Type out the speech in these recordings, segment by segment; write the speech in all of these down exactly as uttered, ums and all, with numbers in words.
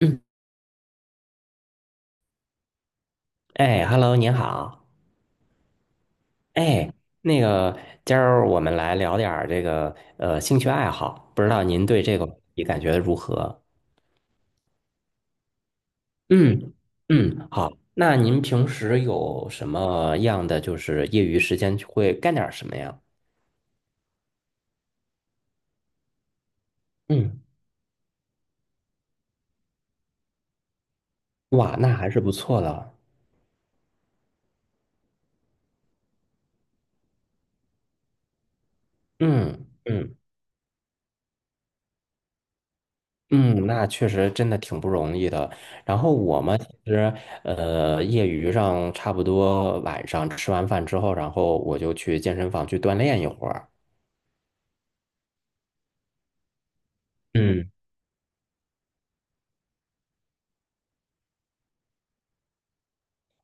嗯。哎，Hello，您好。哎，那个，今儿我们来聊点儿这个呃兴趣爱好，不知道您对这个你感觉如何？嗯嗯，好。那您平时有什么样的就是业余时间会干点儿什么呀？嗯，哇，那还是不错的。嗯嗯嗯，那确实真的挺不容易的。然后我们其实，呃，业余上差不多晚上吃完饭之后，然后我就去健身房去锻炼一会儿。嗯，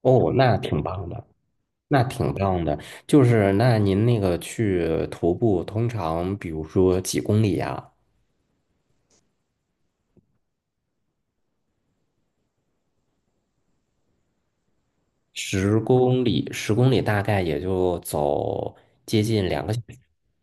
哦，那挺棒的，那挺棒的。就是那您那个去徒步，通常比如说几公里呀？十公里，十公里大概也就走接近两个小时，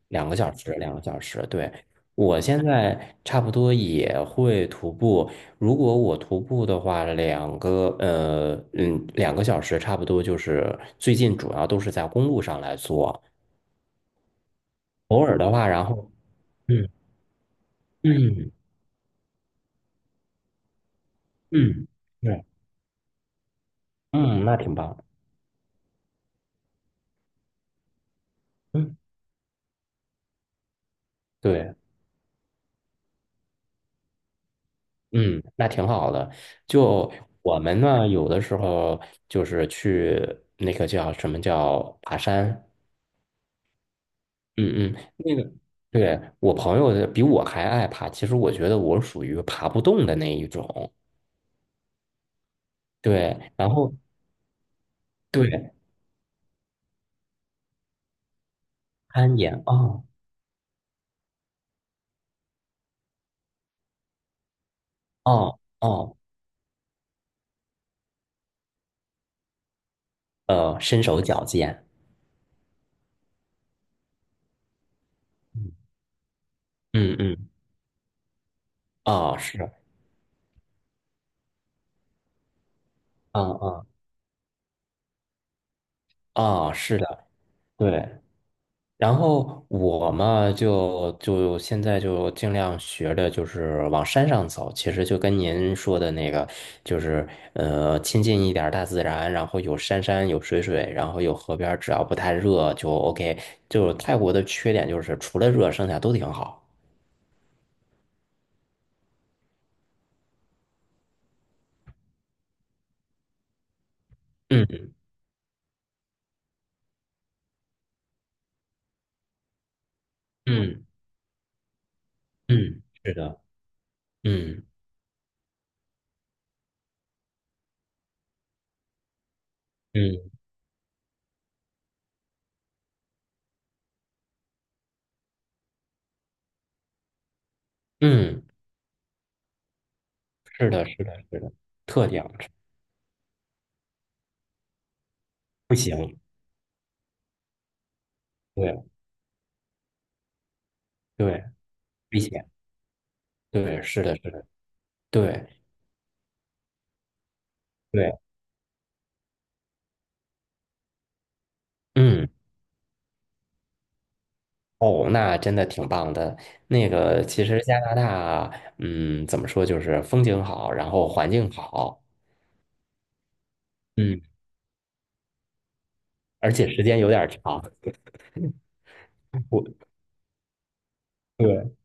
两个小时，两个小时。对，我现在差不多也会徒步，如果我徒步的话，两个呃嗯两个小时差不多就是最近主要都是在公路上来做，偶尔的话，然后嗯嗯嗯，对，嗯，那挺棒，嗯，对。嗯，那挺好的。就我们呢，有的时候就是去那个叫什么叫爬山，嗯嗯，那个对我朋友比我还爱爬，其实我觉得我属于爬不动的那一种。对，然后对攀岩，哦哦哦，呃，身手矫健，嗯嗯嗯，哦是，嗯嗯哦是的。对，然后我嘛，就就现在就尽量学着就是往山上走，其实就跟您说的那个，就是呃亲近一点儿大自然，然后有山山有水水，然后有河边儿，只要不太热就 OK。就是泰国的缺点就是除了热，剩下都挺好。嗯嗯嗯，是的，嗯嗯嗯，是的，是的，是的，特奖不行，对对，危险，对，是的，是的，对对，嗯。哦，那真的挺棒的。那个，其实加拿大，嗯，怎么说，就是风景好，然后环境好，嗯，而且时间有点儿长。我对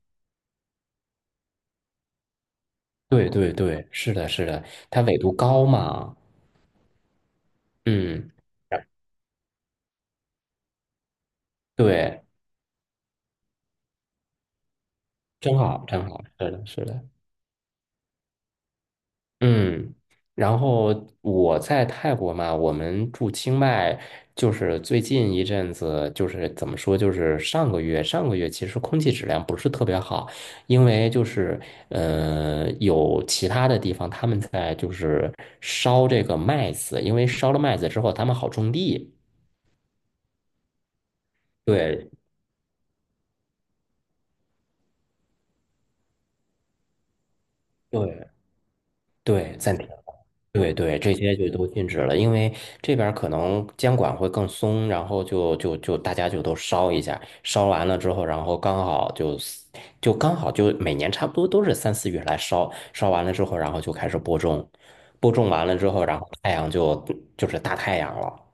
对对对，是的，是的，它纬度高嘛，嗯，对，真好，真好，是的，是的。嗯，然后我在泰国嘛，我们住清迈，就是最近一阵子，就是怎么说，就是上个月，上个月其实空气质量不是特别好，因为就是呃，有其他的地方他们在就是烧这个麦子，因为烧了麦子之后，他们好种地。对对对，暂停。对对，这些就都禁止了，因为这边儿可能监管会更松，然后就就就大家就都烧一下，烧完了之后，然后刚好就就刚好就每年差不多都是三四月来烧，烧完了之后，然后就开始播种，播种完了之后，然后太阳就就是大太阳了。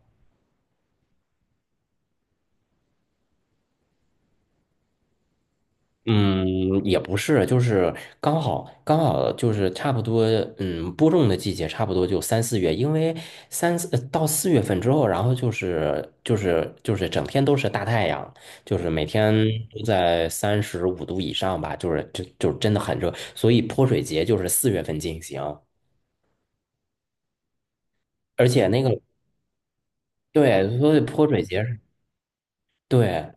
嗯，也不是，就是刚好刚好就是差不多，嗯，播种的季节差不多就三四月，因为三四呃到四月份之后，然后就是就是就是整天都是大太阳，就是每天都在三十五度以上吧，就是就就真的很热，所以泼水节就是四月份进行。而且那个对，所以泼水节是对。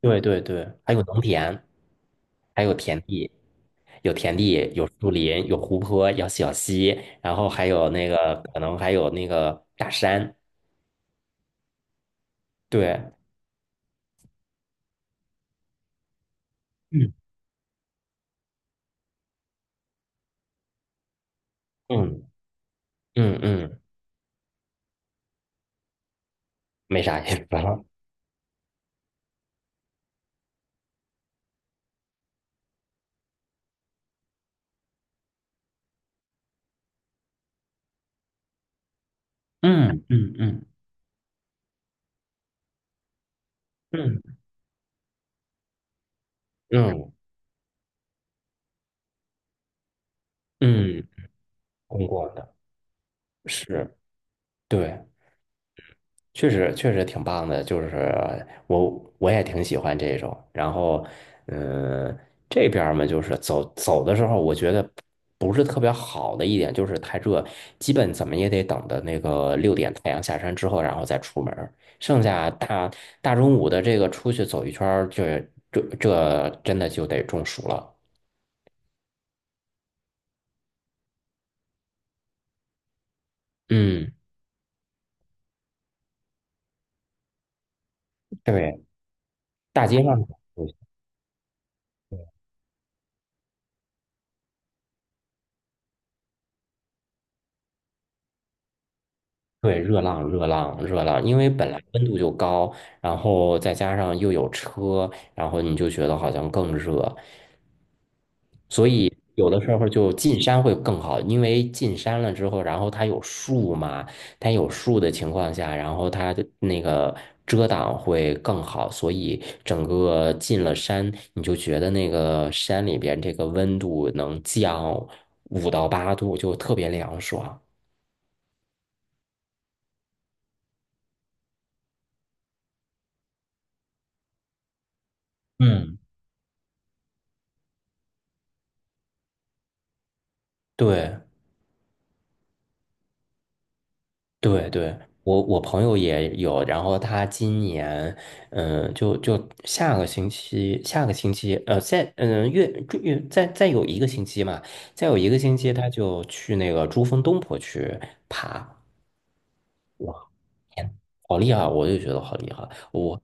对对对，还有农田，还有田地，有田地，有树林，有湖泊，有小溪，然后还有那个可能还有那个大山。对，嗯嗯嗯嗯，没啥意思了。嗯嗯嗯嗯嗯嗯，通过的是，对。确实确实挺棒的，就是我我也挺喜欢这种。然后，嗯，这边儿嘛，就是走走的时候，我觉得不是特别好的一点就是太热，基本怎么也得等到那个六点太阳下山之后，然后再出门儿剩下大大中午的这个出去走一圈儿，这这这真的就得中暑了。嗯，对，大街上。对，热浪，热浪，热浪，因为本来温度就高，然后再加上又有车，然后你就觉得好像更热，所以有的时候就进山会更好，因为进山了之后，然后它有树嘛，它有树的情况下，然后它的那个遮挡会更好，所以整个进了山，你就觉得那个山里边这个温度能降五到八度，就特别凉爽。嗯，对。对对，我我朋友也有，然后他今年，嗯、就就下个星期，下个星期，呃，再嗯、月月再再有一个星期嘛，再有一个星期，他就去那个珠峰东坡去爬，哇，天，好厉害！我就觉得好厉害，我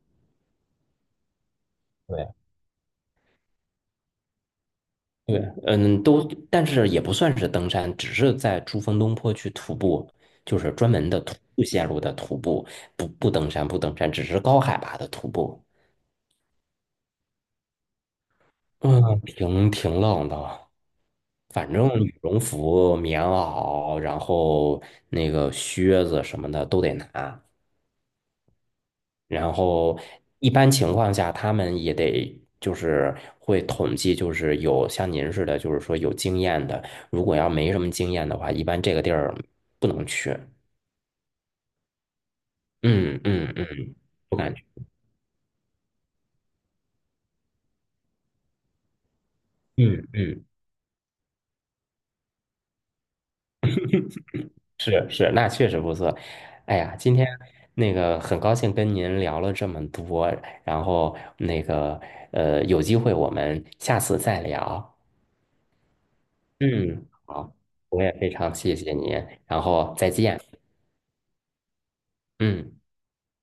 对对。嗯，都，但是也不算是登山，只是在珠峰东坡去徒步，就是专门的徒步线路的徒步，不不登山不登山，只是高海拔的徒步。嗯，挺挺冷的，反正羽绒服、棉袄，然后那个靴子什么的都得拿。然后一般情况下，他们也得就是会统计，就是有像您似的，就是说有经验的。如果要没什么经验的话，一般这个地儿不能去。嗯嗯嗯，不敢去。嗯嗯。是是，那确实不错。哎呀，今天那个很高兴跟您聊了这么多，然后那个呃，有机会我们下次再聊。嗯，好，我也非常谢谢您，然后再见。嗯。